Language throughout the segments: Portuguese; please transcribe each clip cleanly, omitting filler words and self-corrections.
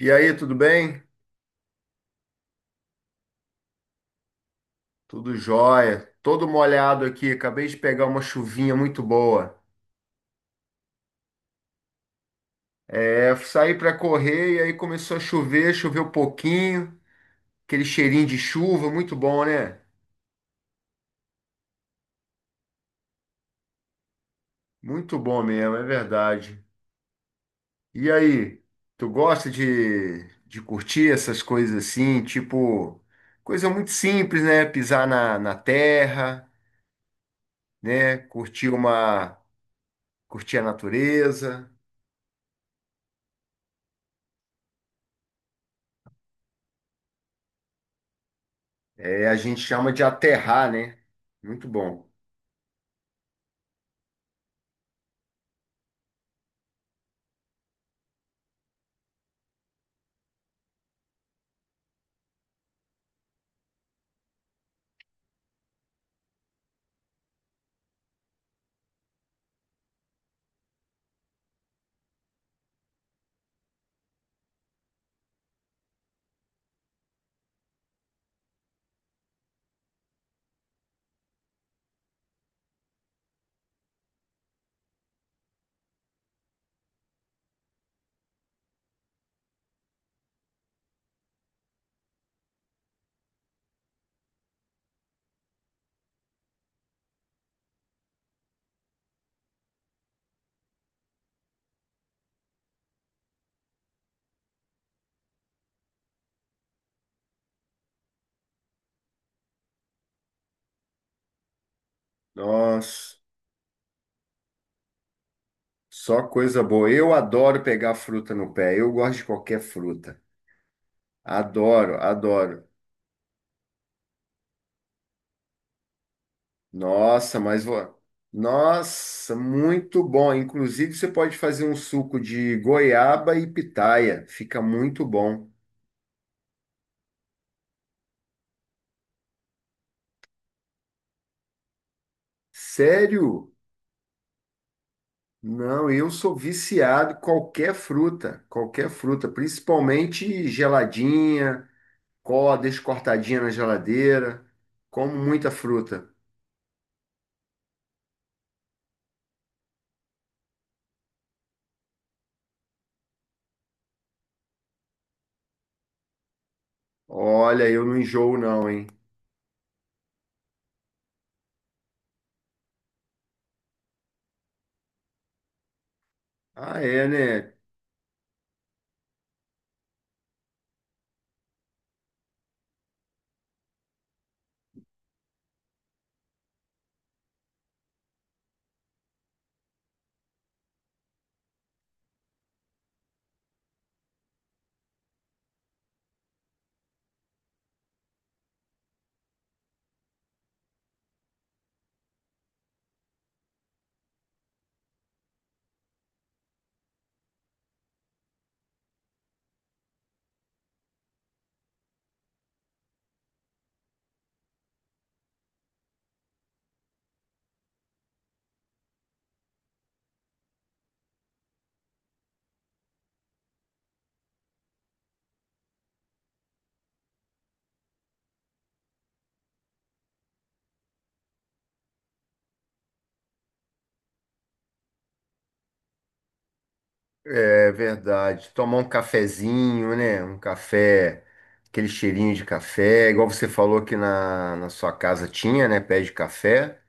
E aí, tudo bem? Tudo jóia. Todo molhado aqui. Acabei de pegar uma chuvinha muito boa. É, saí para correr e aí começou a chover, choveu um pouquinho. Aquele cheirinho de chuva, muito bom, né? Muito bom mesmo, é verdade. E aí, tu gosta de curtir essas coisas assim? Tipo, coisa muito simples, né? Pisar na terra, né? Curtir uma, curtir a natureza. É, a gente chama de aterrar, né? Muito bom. Nossa, só coisa boa. Eu adoro pegar fruta no pé. Eu gosto de qualquer fruta. Adoro, adoro. Nossa, mas vou. Nossa, muito bom. Inclusive, você pode fazer um suco de goiaba e pitaia. Fica muito bom. Sério? Não, eu sou viciado em qualquer fruta, principalmente geladinha, deixo cortadinha na geladeira. Como muita fruta. Olha, eu não enjoo não, hein? Ah, é, né? É verdade. Tomar um cafezinho, né? Um café, aquele cheirinho de café, igual você falou que na sua casa tinha, né? Pé de café.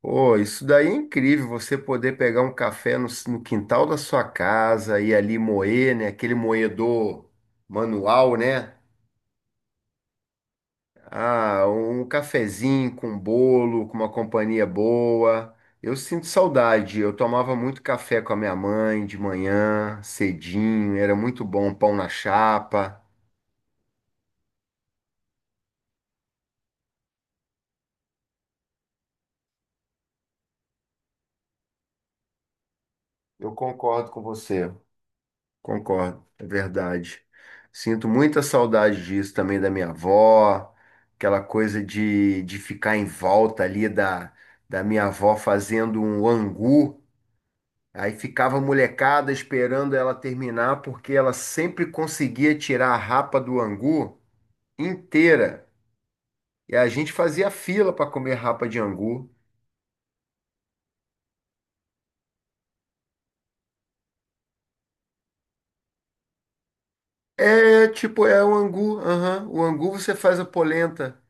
Pô, isso daí é incrível, você poder pegar um café no quintal da sua casa e ali moer, né? Aquele moedor manual, né? Ah, um cafezinho com bolo, com uma companhia boa. Eu sinto saudade. Eu tomava muito café com a minha mãe de manhã, cedinho, era muito bom, pão na chapa. Eu concordo com você. Concordo, é verdade. Sinto muita saudade disso também da minha avó, aquela coisa de ficar em volta ali da minha avó fazendo um angu. Aí ficava a molecada esperando ela terminar, porque ela sempre conseguia tirar a rapa do angu inteira. E a gente fazia fila para comer rapa de angu. É, tipo, é o angu. Aham. O angu você faz a polenta.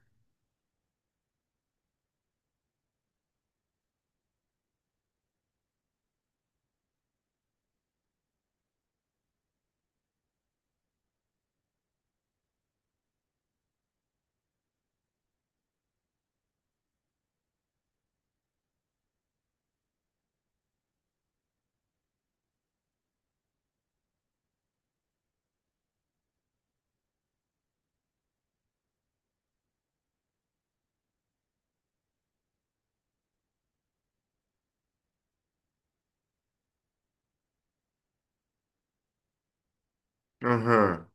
Aham.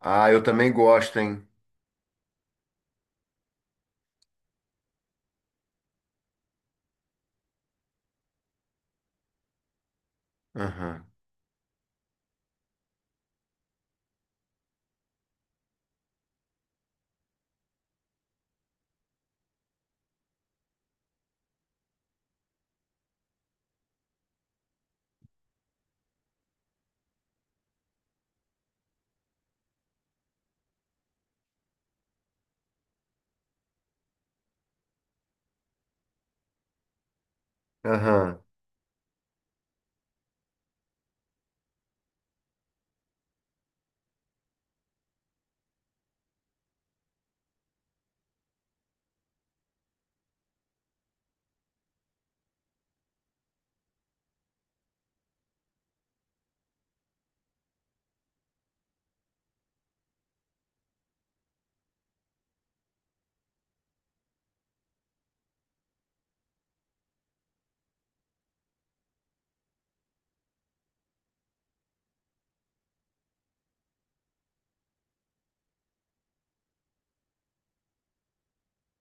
Ah, eu também gosto, hein? Aham. Aham.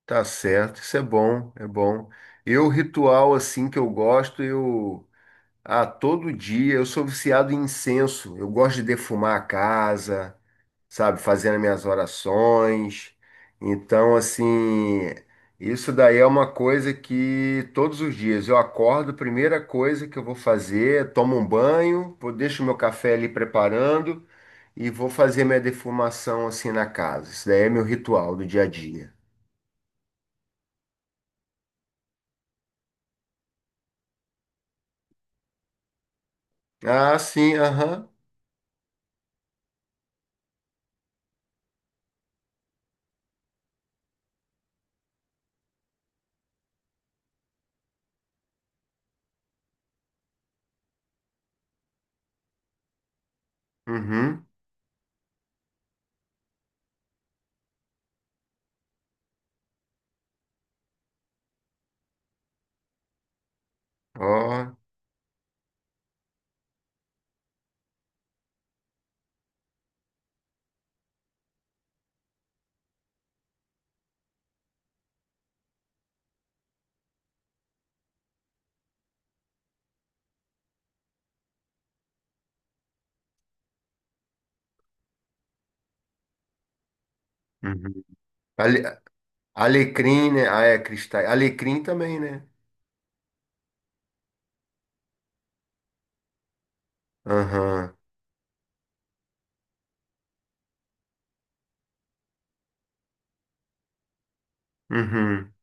Tá certo. Isso é bom, é bom. Eu, ritual assim que eu gosto, eu. Ah, todo dia eu sou viciado em incenso. Eu gosto de defumar a casa. Sabe? Fazendo minhas orações. Então, assim, isso daí é uma coisa que todos os dias eu acordo, a primeira coisa que eu vou fazer, é tomo um banho, vou, deixo meu café ali preparando e vou fazer minha defumação assim na casa. Isso daí é meu ritual do dia a dia. Ah, sim, aham. Uhum. Ó. Uhum. Ale- Alecrim, né? Ah, é, cristal. Alecrim também, né? Aham. Uhum.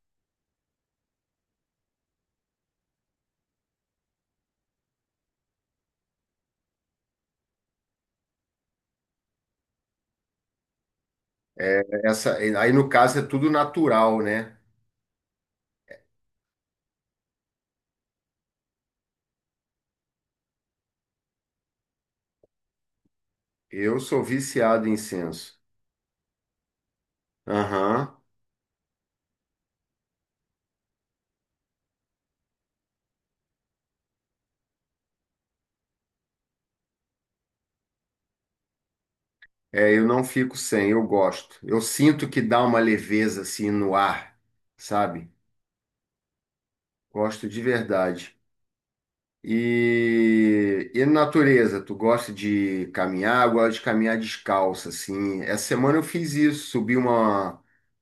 É essa, aí no caso é tudo natural, né? Eu sou viciado em incenso. Aham. É, eu não fico sem, eu gosto. Eu sinto que dá uma leveza assim no ar, sabe? Gosto de verdade. E natureza, tu gosta de caminhar? Eu gosto de caminhar descalço, assim. Essa semana eu fiz isso, subi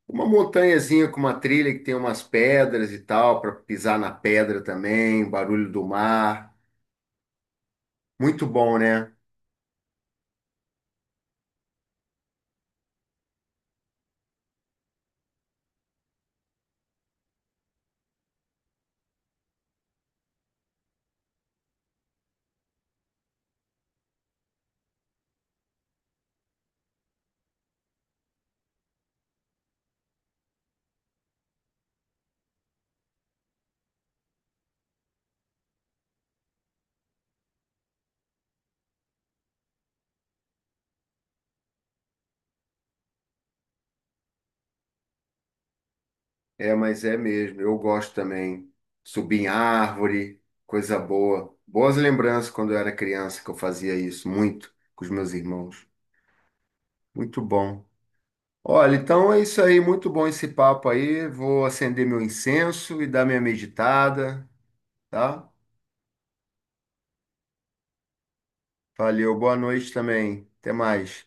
uma montanhazinha com uma trilha que tem umas pedras e tal, para pisar na pedra também, barulho do mar. Muito bom, né? É, mas é mesmo. Eu gosto também. Subir em árvore, coisa boa. Boas lembranças quando eu era criança que eu fazia isso muito com os meus irmãos. Muito bom. Olha, então é isso aí. Muito bom esse papo aí. Vou acender meu incenso e dar minha meditada, tá? Valeu. Boa noite também. Até mais.